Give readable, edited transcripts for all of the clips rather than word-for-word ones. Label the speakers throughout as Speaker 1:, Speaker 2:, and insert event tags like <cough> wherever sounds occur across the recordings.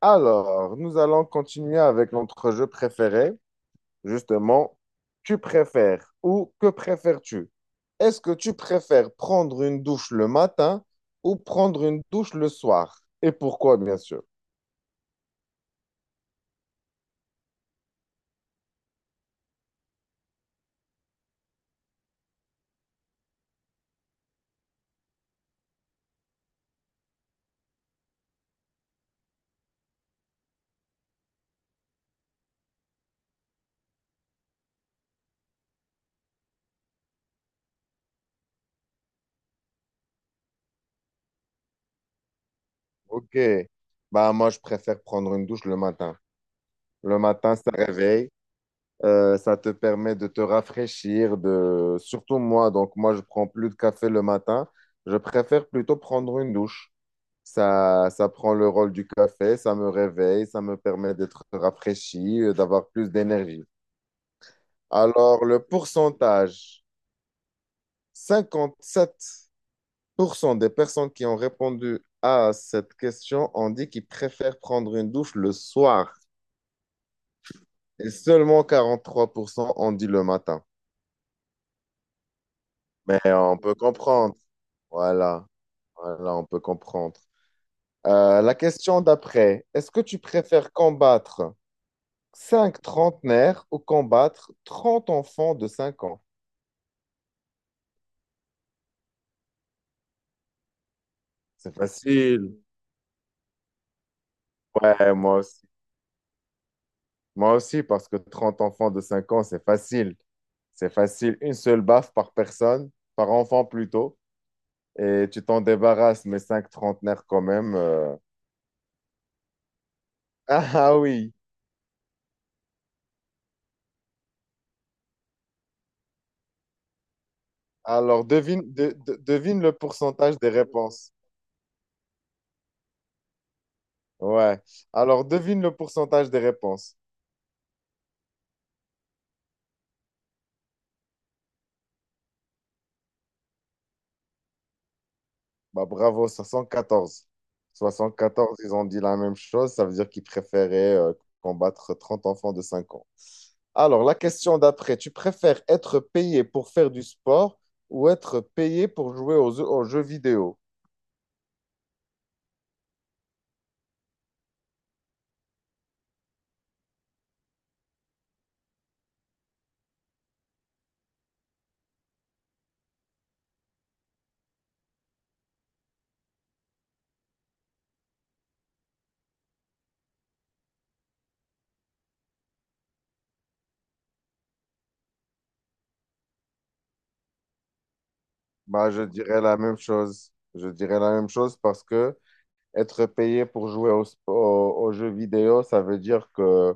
Speaker 1: Alors, nous allons continuer avec notre jeu préféré, justement, tu préfères ou que préfères-tu? Est-ce que tu préfères prendre une douche le matin ou prendre une douche le soir? Et pourquoi, bien sûr. Ok, bah moi je préfère prendre une douche le matin. Le matin, ça réveille, ça te permet de te rafraîchir, surtout moi, donc moi je prends plus de café le matin, je préfère plutôt prendre une douche. Ça prend le rôle du café, ça me réveille, ça me permet d'être rafraîchi, d'avoir plus d'énergie. Alors, le pourcentage, 57% des personnes qui ont répondu à cette question ont dit qu'ils préfèrent prendre une douche le soir et seulement 43% ont dit le matin. Mais on peut comprendre. Voilà, voilà, on peut comprendre. La question d'après, est-ce que tu préfères combattre cinq trentenaires au combattre 30 enfants de 5 ans. C'est facile. Ouais, moi aussi. Moi aussi, parce que 30 enfants de 5 ans, c'est facile. C'est facile. Une seule baffe par personne, par enfant plutôt. Et tu t'en débarrasses, mais cinq trentenaires quand même. <laughs> Ah ah oui. Alors, devine, devine le pourcentage des réponses. Ouais. Alors, devine le pourcentage des réponses. Bah, bravo, soixante quatorze ils ont dit la même chose, ça veut dire qu'ils préféraient combattre 30 enfants de 5 ans. Alors, la question d'après, tu préfères être payé pour faire du sport ou être payé pour jouer aux jeux vidéo? Bah, je dirais la même chose. Je dirais la même chose parce que être payé pour jouer au sp- aux aux jeux vidéo, ça veut dire que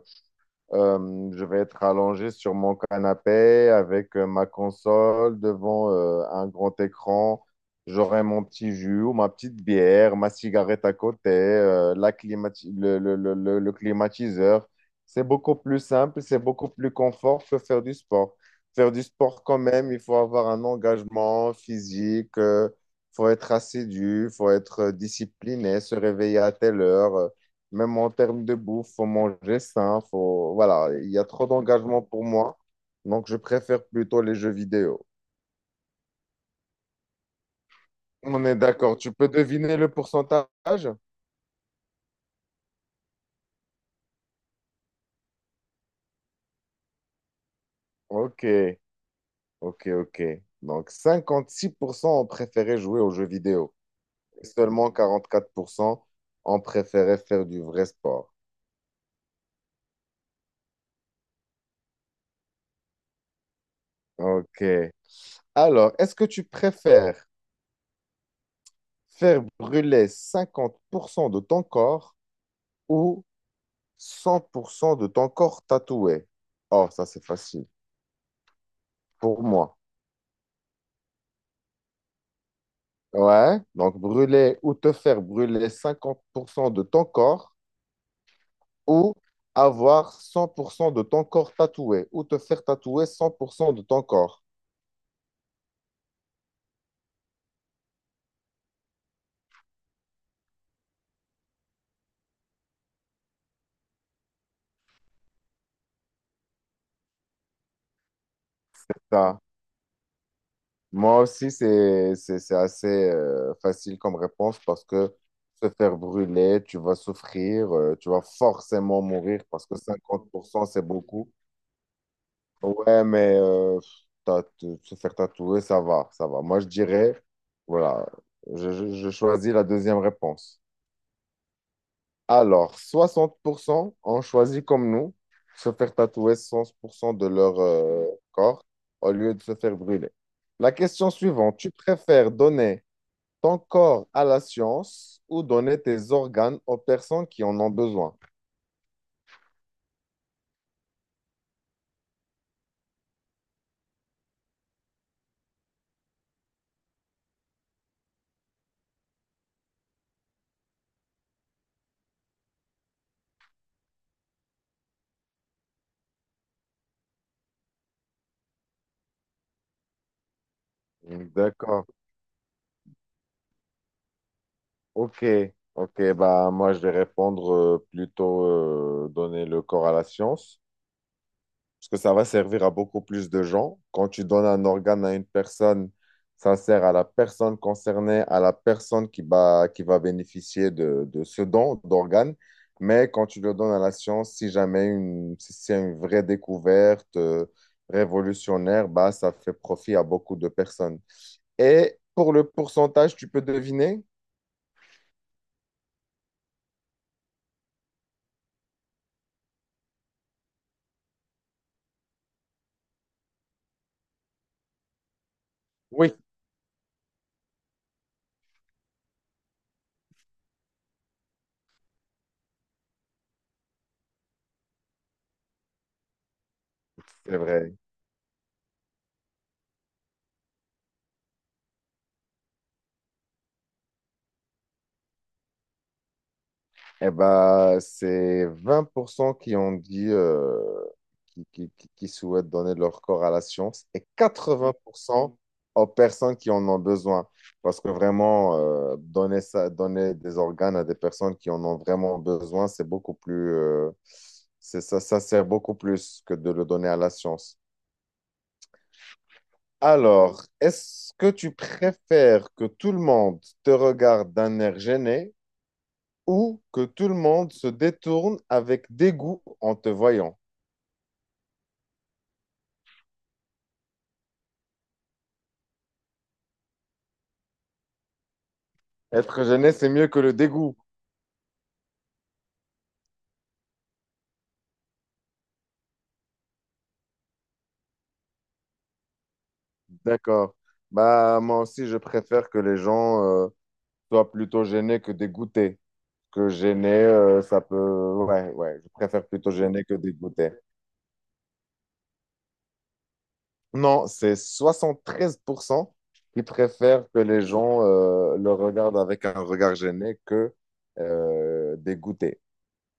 Speaker 1: Je vais être allongé sur mon canapé avec ma console devant un grand écran. J'aurai mon petit jus ou ma petite bière, ma cigarette à côté, la climati- le climatiseur. C'est beaucoup plus simple, c'est beaucoup plus confort que faire du sport. Faire du sport quand même, il faut avoir un engagement physique, il faut être assidu, il faut être discipliné, se réveiller à telle heure. Même en termes de bouffe, faut manger sain, Voilà, il y a trop d'engagement pour moi, donc je préfère plutôt les jeux vidéo. On est d'accord, tu peux deviner le pourcentage? Ok, ok, ok. Donc 56% ont préféré jouer aux jeux vidéo. Et seulement 44% ont préféré faire du vrai sport. Ok. Alors, est-ce que tu préfères faire brûler 50% de ton corps ou 100% de ton corps tatoué? Oh, ça c'est facile pour moi. Ouais, donc brûler ou te faire brûler 50% de ton corps ou avoir 100% de ton corps tatoué ou te faire tatouer 100% de ton corps. Ça, moi aussi, c'est assez facile comme réponse parce que se faire brûler, tu vas souffrir, tu vas forcément mourir parce que 50%, c'est beaucoup. Ouais, mais se faire tatouer, ça va, ça va. Moi, je dirais, voilà, je choisis la deuxième réponse. Alors, 60% ont choisi comme nous, se faire tatouer 60% de leur corps au lieu de se faire brûler. La question suivante, tu préfères donner ton corps à la science ou donner tes organes aux personnes qui en ont besoin? D'accord. Ok, ok, bah moi je vais répondre plutôt donner le corps à la science, parce que ça va servir à beaucoup plus de gens. Quand tu donnes un organe à une personne, ça sert à la personne concernée, à la personne qui va bénéficier de ce don d'organe. Mais quand tu le donnes à la science, si c'est une vraie découverte révolutionnaire, bah ça fait profit à beaucoup de personnes. Et pour le pourcentage, tu peux deviner? Oui, c'est vrai. Eh ben, c'est 20% qui ont dit qui souhaitent donner leur corps à la science et 80% aux personnes qui en ont besoin. Parce que vraiment, donner des organes à des personnes qui en ont vraiment besoin, c'est beaucoup plus, ça sert beaucoup plus que de le donner à la science. Alors, est-ce que tu préfères que tout le monde te regarde d'un air gêné ou que tout le monde se détourne avec dégoût en te voyant? Être gêné, c'est mieux que le dégoût. D'accord. Bah, moi aussi, je préfère que les gens soient plutôt gênés que dégoûtés. Que gêné, ça peut. Ouais, ouais, je préfère plutôt gêné que dégoûté. Non, c'est 73% qui préfèrent que les gens le regardent avec un regard gêné que dégoûté.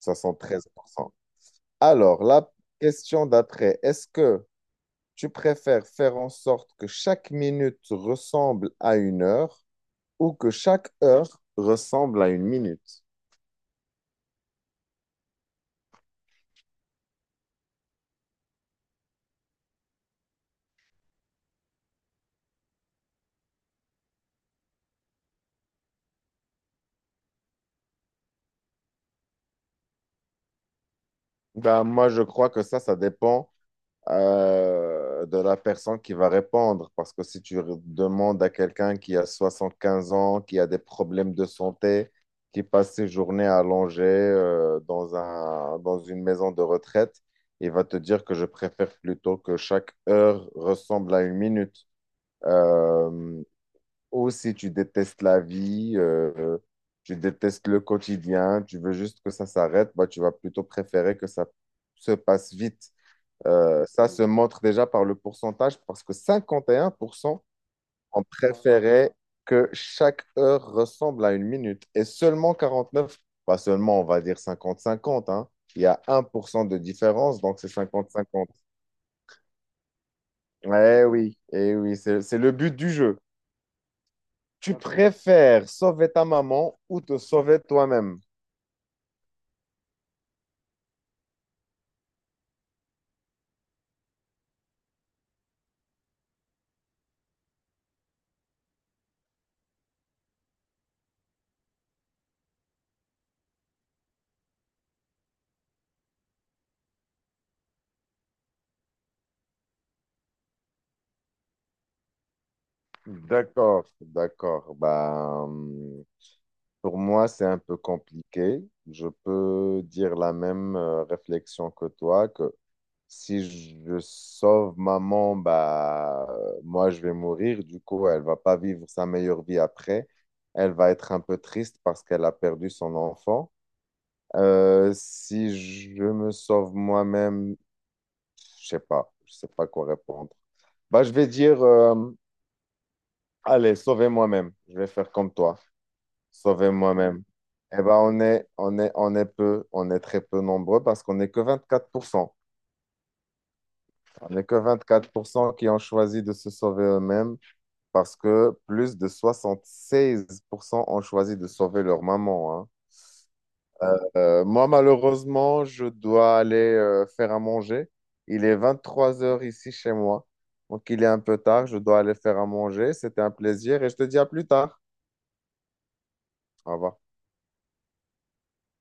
Speaker 1: 73%. Alors, la question d'après, est-ce que tu préfères faire en sorte que chaque minute ressemble à une heure ou que chaque heure ressemble à une minute? Ben, moi, je crois que ça dépend de la personne qui va répondre. Parce que si tu demandes à quelqu'un qui a 75 ans, qui a des problèmes de santé, qui passe ses journées allongées dans une maison de retraite, il va te dire que je préfère plutôt que chaque heure ressemble à une minute. Euh, ou si tu détestes la vie, tu détestes le quotidien, tu veux juste que ça s'arrête, bah, tu vas plutôt préférer que ça se passe vite. Ça se montre déjà par le pourcentage parce que 51% ont préféré que chaque heure ressemble à une minute et seulement 49, pas seulement on va dire 50-50, hein. Il y a 1% de différence, donc c'est 50-50. Oui, eh oui, c'est le but du jeu. Tu préfères sauver ta maman ou te sauver toi-même? D'accord, d'accord. Bah, pour moi, c'est un peu compliqué. Je peux dire la même réflexion que toi, que si je sauve maman, bah, moi, je vais mourir. Du coup, elle va pas vivre sa meilleure vie après. Elle va être un peu triste parce qu'elle a perdu son enfant. Si je me sauve moi-même, je sais pas. Je sais pas quoi répondre. Bah, je vais dire, allez, sauvez moi-même. Je vais faire comme toi. Sauvez moi-même. Eh ben, on est peu, on est très peu nombreux parce qu'on n'est que 24%. On n'est que 24% qui ont choisi de se sauver eux-mêmes parce que plus de 76% ont choisi de sauver leur maman, hein. Moi, malheureusement, je dois aller faire à manger. Il est 23h ici chez moi. Donc, il est un peu tard. Je dois aller faire à manger. C'était un plaisir et je te dis à plus tard. Au revoir.